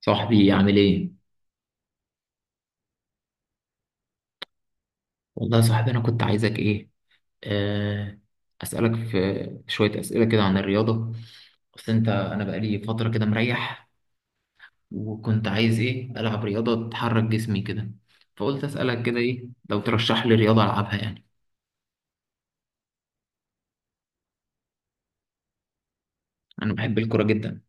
صاحبي عامل ايه؟ والله يا صاحبي انا كنت عايزك ايه؟ آه. اسألك في شوية اسئلة كده عن الرياضة. اصل انا بقالي فترة كده مريح، وكنت عايز ايه؟ العب رياضة تحرك جسمي كده. فقلت اسألك كده ايه؟ لو ترشح لي رياضة العبها يعني. انا بحب الكورة جدا.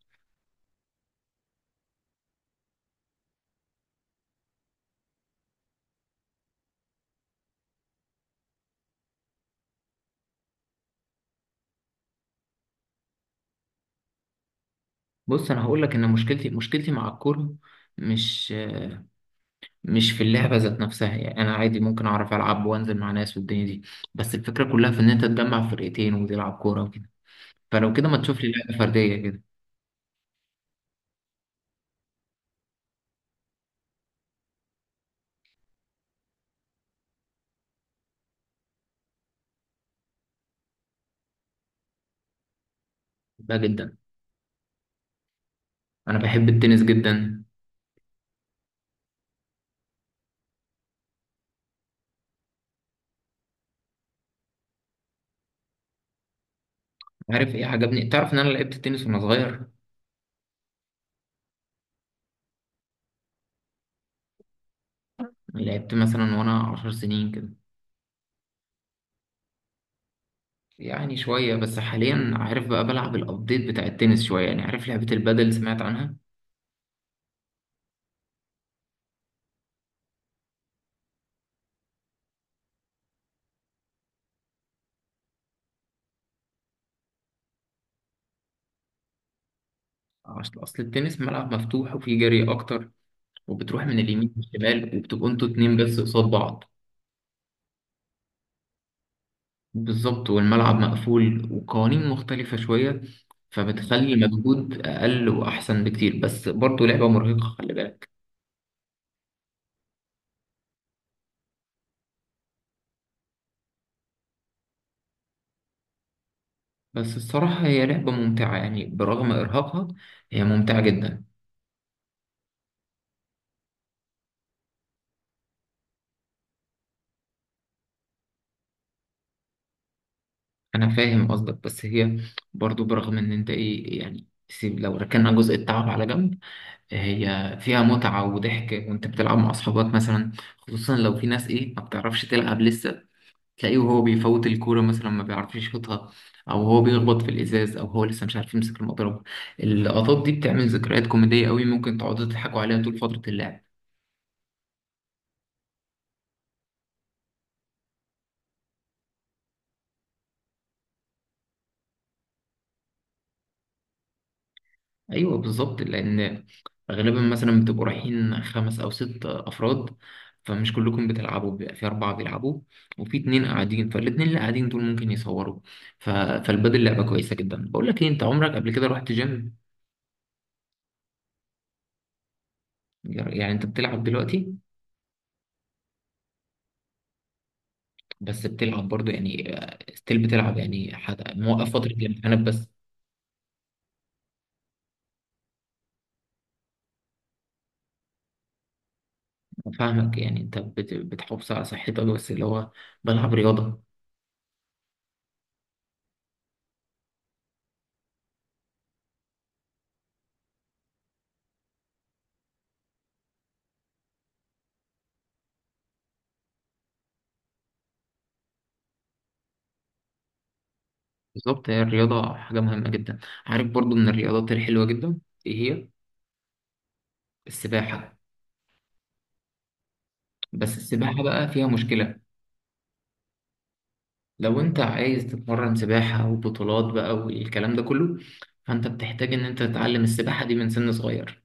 بص انا هقول لك ان مشكلتي مع الكورة مش آه، مش في اللعبة ذات نفسها، يعني انا عادي ممكن اعرف العب وانزل مع ناس والدنيا دي. بس الفكرة كلها في ان انت تجمع فرقتين وتلعب كورة وكده. فلو كده ما تشوف لي لعبة فردية كده. بحبها جدا. أنا بحب التنس جدا. عارف إيه عجبني؟ تعرف إن أنا لعبت تنس وأنا صغير. لعبت مثلا وأنا 10 سنين كده. يعني شوية بس، حاليا. عارف بقى بلعب الأبديت بتاع التنس شوية، يعني عارف لعبة البادل، سمعت عنها؟ أصل التنس ملعب مفتوح وفيه جري أكتر، وبتروح من اليمين للشمال وبتبقوا أنتوا اتنين بس قصاد بعض. بالظبط، والملعب مقفول وقوانين مختلفة شوية، فبتخلي مجهود أقل وأحسن بكتير، بس برضه لعبة مرهقة خلي بالك. بس الصراحة هي لعبة ممتعة، يعني برغم إرهاقها هي ممتعة جدا. أنا فاهم قصدك، بس هي برضو برغم إن أنت إيه يعني، سيب لو ركننا جزء التعب على جنب، هي فيها متعة وضحك وأنت بتلعب مع أصحابك مثلا. خصوصا لو في ناس إيه ما بتعرفش تلعب لسه، تلاقيه وهو بيفوت الكورة مثلا ما بيعرفش يشوطها، أو هو بيخبط في الإزاز، أو هو لسه مش عارف يمسك المضرب. اللقطات دي بتعمل ذكريات كوميدية قوي، ممكن تقعدوا تضحكوا عليها طول فترة اللعب. ايوه بالظبط، لان غالبا مثلا بتبقوا رايحين خمس او ست افراد، فمش كلكم بتلعبوا، بيبقى في اربعه بيلعبوا وفي اتنين قاعدين، فالاتنين اللي قاعدين دول ممكن يصوروا. فالبدل لعبه كويسه جدا. بقول لك ايه، انت عمرك قبل كده رحت جيم؟ يعني انت بتلعب دلوقتي؟ بس بتلعب برضو يعني، ستيل بتلعب يعني، حد موقف فتره الامتحانات بس. فاهمك، يعني انت بتحافظ على صحتك، بس اللي هو بلعب رياضه. بالظبط، هي الرياضة حاجة مهمة جدا. عارف برضو من الرياضات الحلوة جدا، ايه هي؟ السباحة. بس السباحة بقى فيها مشكلة. لو انت عايز تتمرن سباحة وبطولات بقى والكلام ده كله، فانت بتحتاج ان انت تتعلم السباحة دي من سن صغير.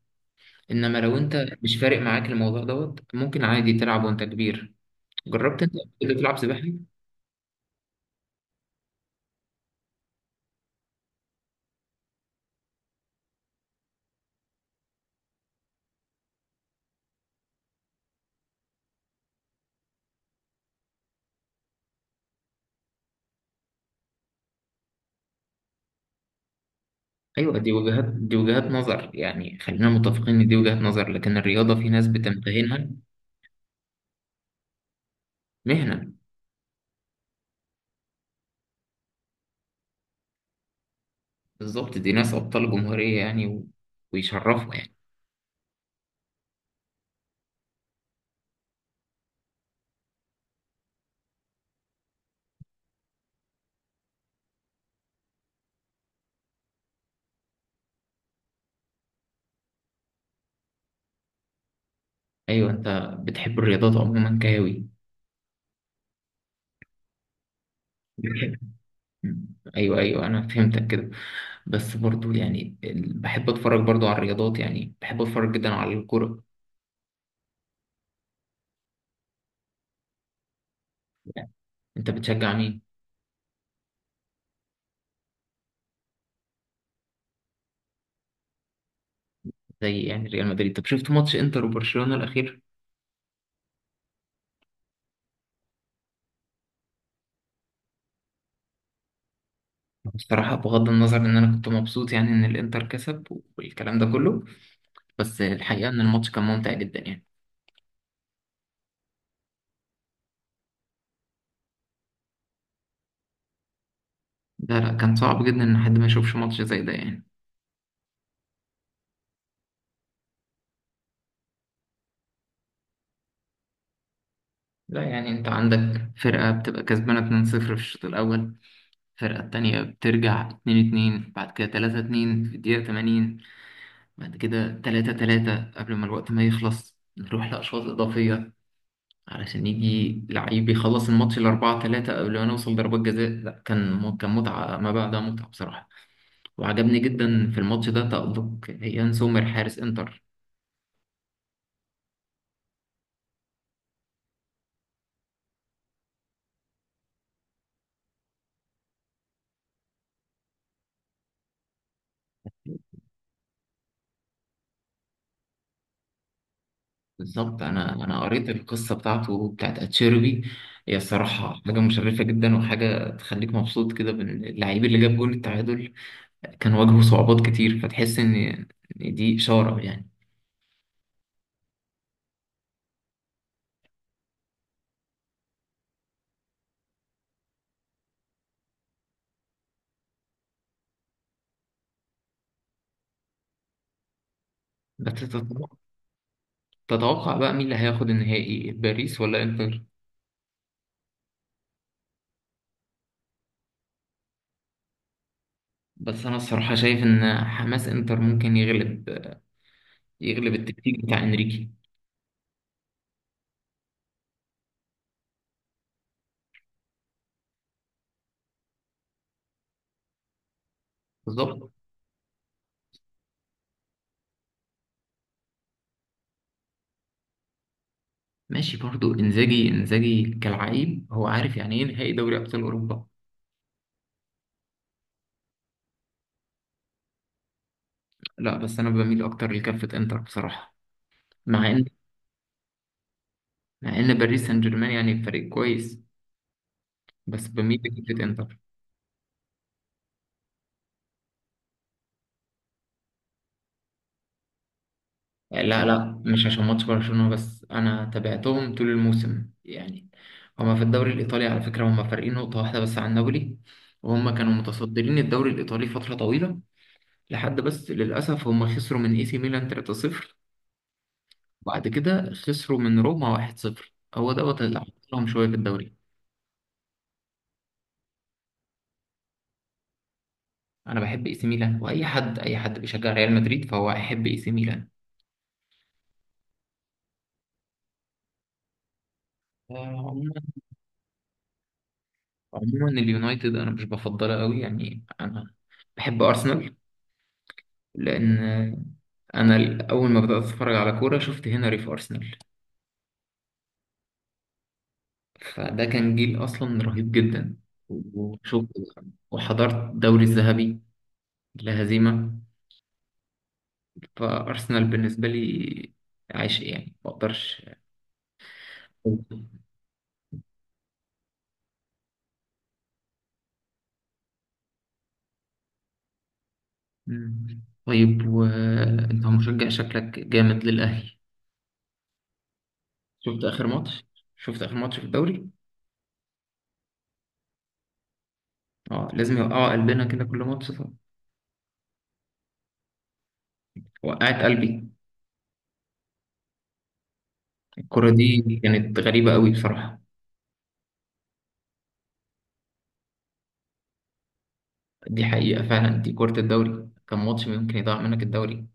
انما لو انت مش فارق معاك الموضوع دوت، ممكن عادي تلعب وانت كبير. جربت انت قبل كده تلعب سباحة؟ ايوه، دي وجهات نظر يعني، خلينا متفقين ان دي وجهات نظر، لكن الرياضة في ناس بتمتهنها مهنة. بالظبط، دي ناس أبطال جمهورية يعني، ويشرفوا يعني. أيوة، أنت بتحب الرياضات عموما كهوي. بتحب. مم. أيوة أيوة، أنا فهمتك كده. بس برضو يعني بحب أتفرج برضو على الرياضات، يعني بحب أتفرج جدا على الكرة. يعني أنت بتشجع مين؟ زي يعني ريال مدريد، طب شفت ماتش إنتر وبرشلونة الأخير؟ بصراحة بغض النظر إن أنا كنت مبسوط يعني إن الإنتر كسب والكلام ده كله، بس الحقيقة إن الماتش كان ممتع جدا يعني. لا لا، كان صعب جدا إن حد ما يشوفش ماتش زي ده يعني. لا يعني انت عندك فرقة بتبقى كسبانة 2-0 في الشوط الأول، الفرقة التانية بترجع 2-2، بعد كده 3-2 في الدقيقة 80، بعد كده 3-3 قبل ما الوقت ما يخلص، نروح لأشواط إضافية علشان يجي لعيب يخلص الماتش ل 4-3 قبل ما نوصل ضربات جزاء. لا، كان متعة ما بعدها متعة بصراحة. وعجبني جدا في الماتش ده تألق يان سومر حارس انتر. بالظبط، انا قريت القصه بتاعت اتشيربي. هي الصراحه حاجه مشرفه جدا، وحاجه تخليك مبسوط كده باللعيب اللي جاب جول التعادل، كان واجهه صعوبات كتير، فتحس ان إن دي اشاره يعني. بس تتوقع بقى مين اللي هياخد النهائي، باريس ولا انتر؟ بس انا الصراحه شايف ان حماس انتر ممكن يغلب التكتيك بتاع انريكي. بالظبط. ماشي برضو، انزاجي كالعيب هو عارف يعني ايه نهائي دوري ابطال اوروبا. لا، بس انا بميل اكتر لكفه انتر بصراحه. مع ان مع ان باريس سان جيرمان يعني فريق كويس، بس بميل لفكره انتر. يعني لا لا، مش عشان ماتش برشلونه، بس انا تابعتهم طول الموسم يعني. هما في الدوري الايطالي على فكره هما فارقين نقطه واحده بس عن نابولي، وهما كانوا متصدرين الدوري الايطالي فتره طويله لحد، بس للاسف هما خسروا من اي سي ميلان 3-0، وبعد كده خسروا من روما 1-0. هو دوت اللي حصلهم شويه في الدوري. انا بحب اي سي ميلان، واي حد اي حد بيشجع ريال مدريد فهو هيحب اي سي ميلان. عموما اليونايتد انا مش بفضلها قوي، يعني انا بحب ارسنال، لان انا اول ما بدات اتفرج على كوره شفت هنري في ارسنال. فده كان جيل اصلا رهيب جدا. وشفت وحضرت الدوري الذهبي لا هزيمه. فارسنال بالنسبه لي عشق يعني ما اقدرش. مم. طيب وانت مشجع شكلك جامد للاهلي. شفت اخر ماتش شفت اخر ماتش في الدوري؟ اه، لازم يوقعوا قلبنا كده كل ماتش. وقعت قلبي، الكرة دي كانت غريبة قوي بصراحة. دي حقيقة فعلا، دي كرة الدوري، كان ماتش ممكن يضيع منك الدوري،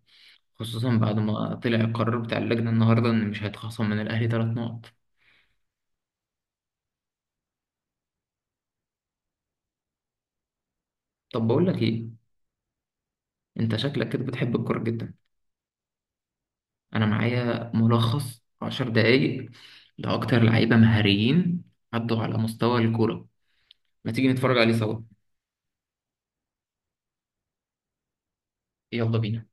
خصوصا بعد ما طلع القرار بتاع اللجنة النهاردة إن مش هيتخصم من الأهلي 3 نقط. طب بقول لك إيه، أنت شكلك كده بتحب الكورة جدا. أنا معايا ملخص 10 دقايق لأكتر لعيبة مهاريين عدوا على مستوى الكورة، ما تيجي نتفرج عليه سوا؟ يلا بينا.